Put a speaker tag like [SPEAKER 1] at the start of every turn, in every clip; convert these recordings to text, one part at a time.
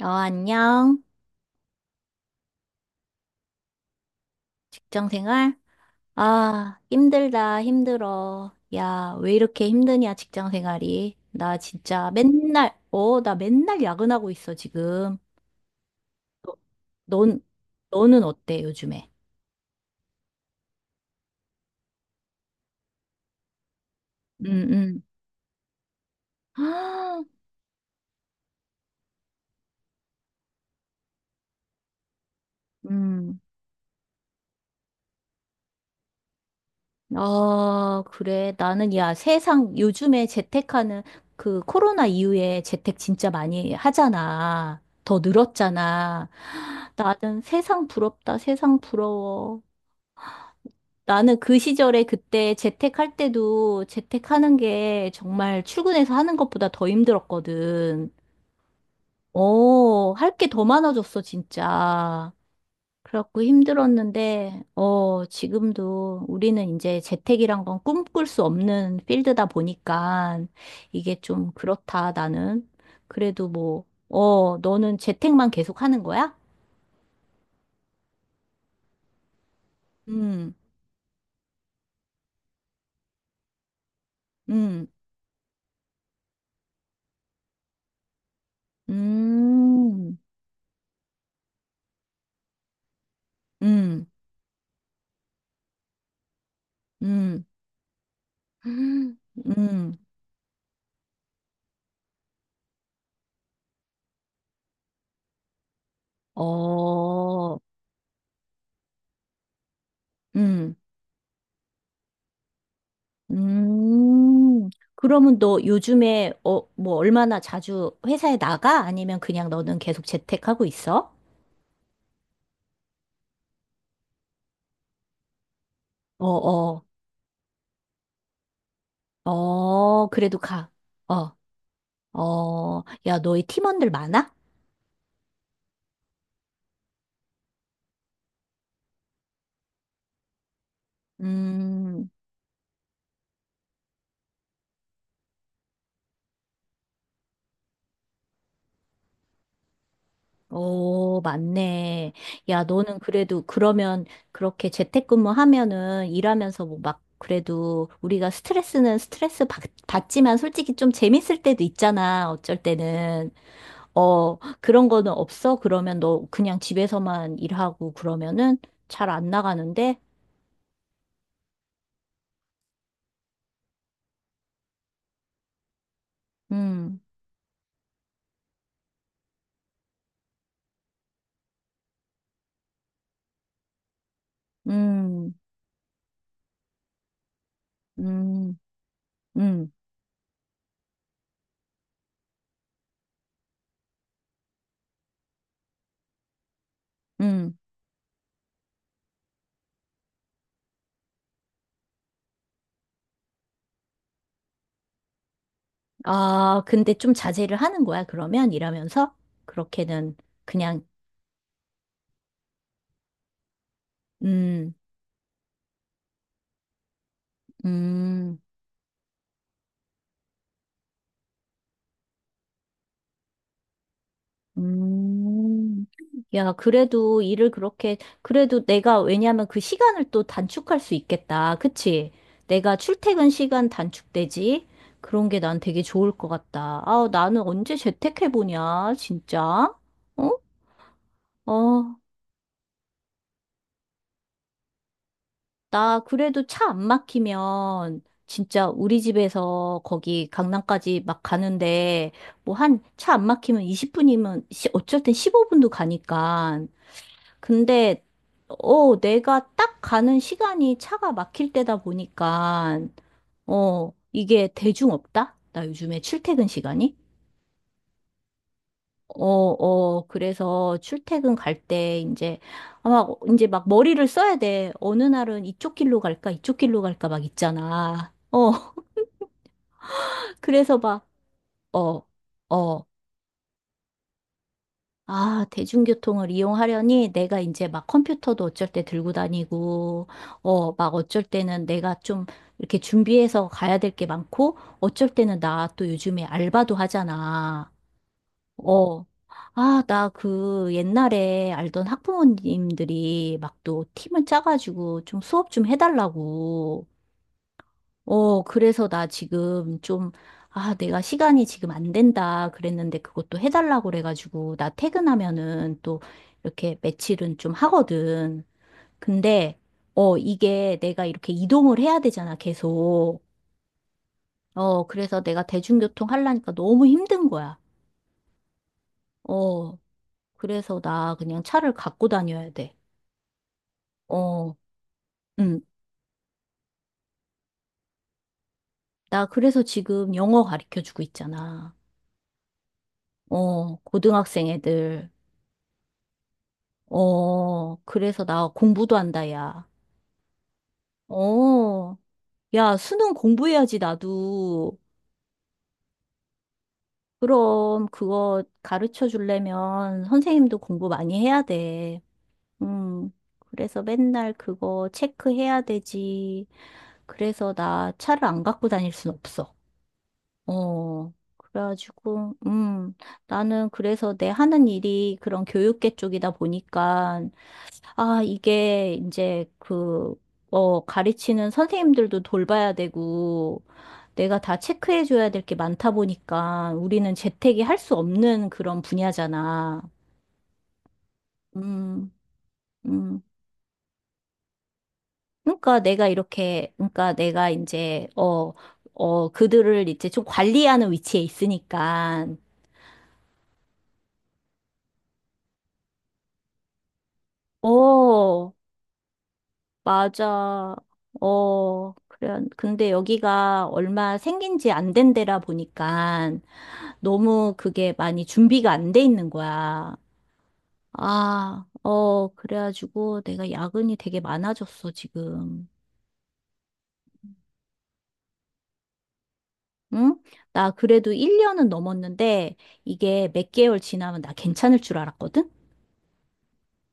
[SPEAKER 1] 안녕. 직장 생활? 아, 힘들다, 힘들어. 야, 왜 이렇게 힘드냐, 직장 생활이. 나 진짜 맨날, 나 맨날 야근하고 있어, 지금. 너, 넌, 너는 어때, 요즘에? 응, 응. 음. 아, 그래. 나는, 야, 세상, 요즘에 재택하는, 그, 코로나 이후에 재택 진짜 많이 하잖아. 더 늘었잖아. 나는 세상 부럽다, 세상 부러워. 나는 그 시절에 그때 재택할 때도 재택하는 게 정말 출근해서 하는 것보다 더 힘들었거든. 할 게 더 많아졌어, 진짜. 그래갖고 힘들었는데, 지금도 우리는 이제 재택이란 건 꿈꿀 수 없는 필드다 보니까 이게 좀 그렇다, 나는. 그래도 뭐, 너는 재택만 계속 하는 거야? 음. 음. 음. 음. 음. 음. 어. 음. 음. 그러면 너 요즘에, 뭐, 얼마나 자주 회사에 나가? 아니면 그냥 너는 계속 재택하고 있어? 어, 어, 어, 그래도 가. 어, 어, 야, 너희 팀원들 많아? 음. 오, 맞네. 야, 너는 그래도 그러면 그렇게 재택근무하면은 일하면서 뭐 막 그래도 우리가 스트레스는 스트레스 받지만 솔직히 좀 재밌을 때도 있잖아. 어쩔 때는. 그런 거는 없어? 그러면 너 그냥 집에서만 일하고 그러면은 잘 안 나가는데? 음. 음. 음. 음. 음. 아, 근데 좀 자제를 하는 거야, 그러면? 일하면서? 그렇게는, 그냥. 음. 음. 음, 야, 그래도 일을 그렇게, 그래도 내가, 왜냐하면 그 시간을 또 단축할 수 있겠다. 그치? 내가 출퇴근 시간 단축되지? 그런 게 난 되게 좋을 것 같다. 아, 나는 언제 재택해보냐, 진짜? 어? 어, 나 그래도 차 안 막히면, 진짜 우리 집에서 거기 강남까지 막 가는데, 뭐 한 차 안 막히면 20분이면, 어쨌든 15분도 가니까. 근데, 내가 딱 가는 시간이 차가 막힐 때다 보니까, 이게 대중 없다? 나 요즘에 출퇴근 시간이? 어, 어, 그래서 출퇴근 갈 때 이제 막 머리를 써야 돼. 어느 날은 이쪽 길로 갈까, 이쪽 길로 갈까 막 있잖아. 어. 그래서 막, 어, 어, 아, 대중교통을 이용하려니 내가 이제 막 컴퓨터도 어쩔 때 들고 다니고, 막 어쩔 때는 내가 좀 이렇게 준비해서 가야 될 게 많고, 어쩔 때는 나 또 요즘에 알바도 하잖아. 어. 아, 나 그 옛날에 알던 학부모님들이 막 또 팀을 짜가지고 좀 수업 좀 해달라고. 그래서 나 지금 좀, 아, 내가 시간이 지금 안 된다 그랬는데 그것도 해달라고 그래가지고, 나 퇴근하면은 또 이렇게 며칠은 좀 하거든. 근데, 이게 내가 이렇게 이동을 해야 되잖아, 계속. 그래서 내가 대중교통 하려니까 너무 힘든 거야. 어, 그래서 나 그냥 차를 갖고 다녀야 돼. 어, 응. 나 그래서 지금 영어 가르쳐 주고 있잖아. 어, 고등학생 애들. 어, 그래서 나 공부도 한다, 야. 어, 야, 수능 공부해야지, 나도. 그럼 그거 가르쳐 주려면 선생님도 공부 많이 해야 돼. 음, 그래서 맨날 그거 체크해야 되지. 그래서 나 차를 안 갖고 다닐 순 없어. 그래가지고, 나는 그래서 내 하는 일이 그런 교육계 쪽이다 보니까 아, 이게 이제 그, 가르치는 선생님들도 돌봐야 되고, 내가 다 체크해줘야 될 게 많다 보니까 우리는 재택이 할 수 없는 그런 분야잖아. 음, 음. 그러니까 내가 이렇게, 그러니까 내가 이제, 그들을 이제 좀 관리하는 위치에 있으니까, 어, 맞아. 어, 그래. 근데 여기가 얼마 생긴 지 안 된 데라 보니까 너무 그게 많이 준비가 안 돼 있는 거야. 아, 그래가지고 내가 야근이 되게 많아졌어, 지금. 응? 나 그래도 1년은 넘었는데 이게 몇 개월 지나면 나 괜찮을 줄 알았거든?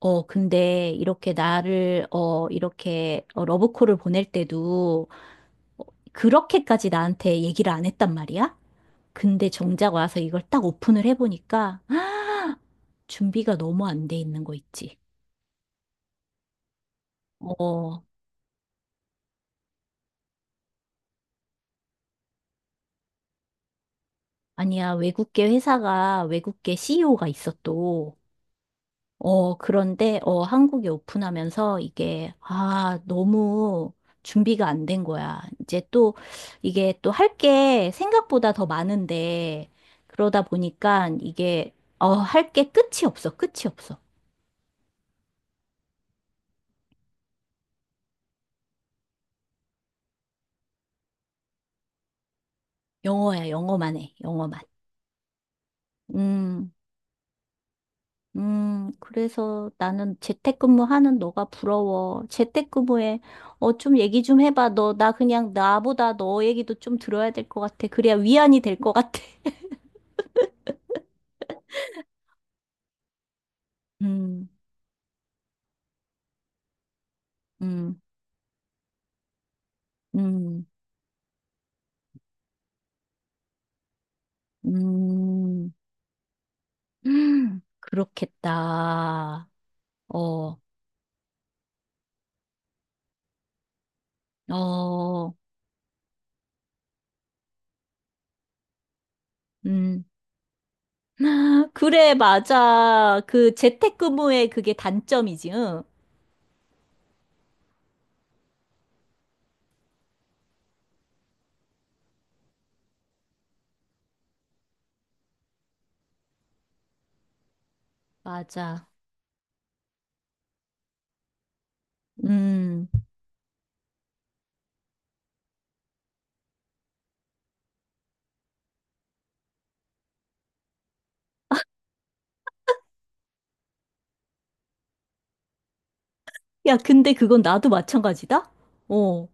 [SPEAKER 1] 근데 이렇게 나를, 이렇게 러브콜을 보낼 때도 어, 그렇게까지 나한테 얘기를 안 했단 말이야? 근데 정작 와서 이걸 딱 오픈을 해보니까, 아, 준비가 너무 안 돼 있는 거 있지. 어, 아니야. 외국계 회사가, 외국계 CEO가 있어 또. 그런데, 한국에 오픈하면서 이게, 아, 너무 준비가 안 된 거야. 이제 또, 이게 또 할 게 생각보다 더 많은데, 그러다 보니까 이게, 할 게 끝이 없어. 끝이 없어. 영어야, 영어만 해. 영어만. 음. 그래서 나는 재택근무하는 너가 부러워. 재택근무에, 좀 얘기 좀 해봐. 너, 나 그냥 나보다 너 얘기도 좀 들어야 될 것 같아. 그래야 위안이 될 것 같아. 음. 음. 음. 음. 그렇겠다. 어. 어. 음. 그래, 맞아. 그 재택근무의 그게 단점이지, 응? 맞아. 음. 야, 근데 그건 나도 마찬가지다? 어.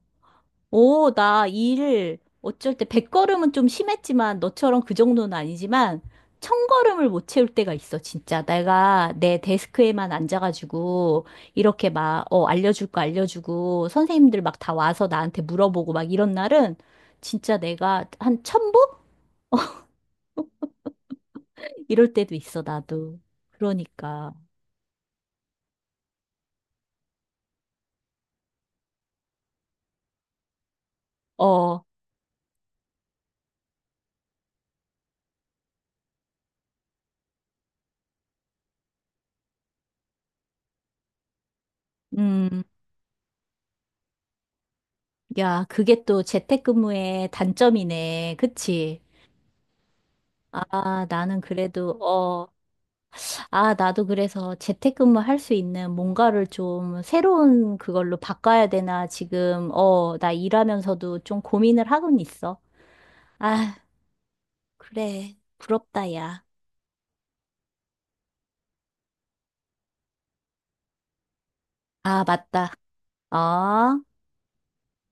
[SPEAKER 1] 오, 나 일 어쩔 때 100걸음은 좀 심했지만 너처럼 그 정도는 아니지만 1000걸음을 못 채울 때가 있어, 진짜. 내가 내 데스크에만 앉아가지고 이렇게 막, 알려줄 거 알려주고 선생님들 막 다 와서 나한테 물어보고 막 이런 날은 진짜 내가 한천0보 이럴 때도 있어, 나도. 그러니까. 어. 음. 야, 그게 또 재택근무의 단점이네. 그치? 아, 나는 그래도, 아, 나도 그래서 재택근무 할 수 있는 뭔가를 좀 새로운 그걸로 바꿔야 되나 지금, 나 일하면서도 좀 고민을 하고는 있어. 아, 그래. 부럽다, 야. 아, 맞다. 어?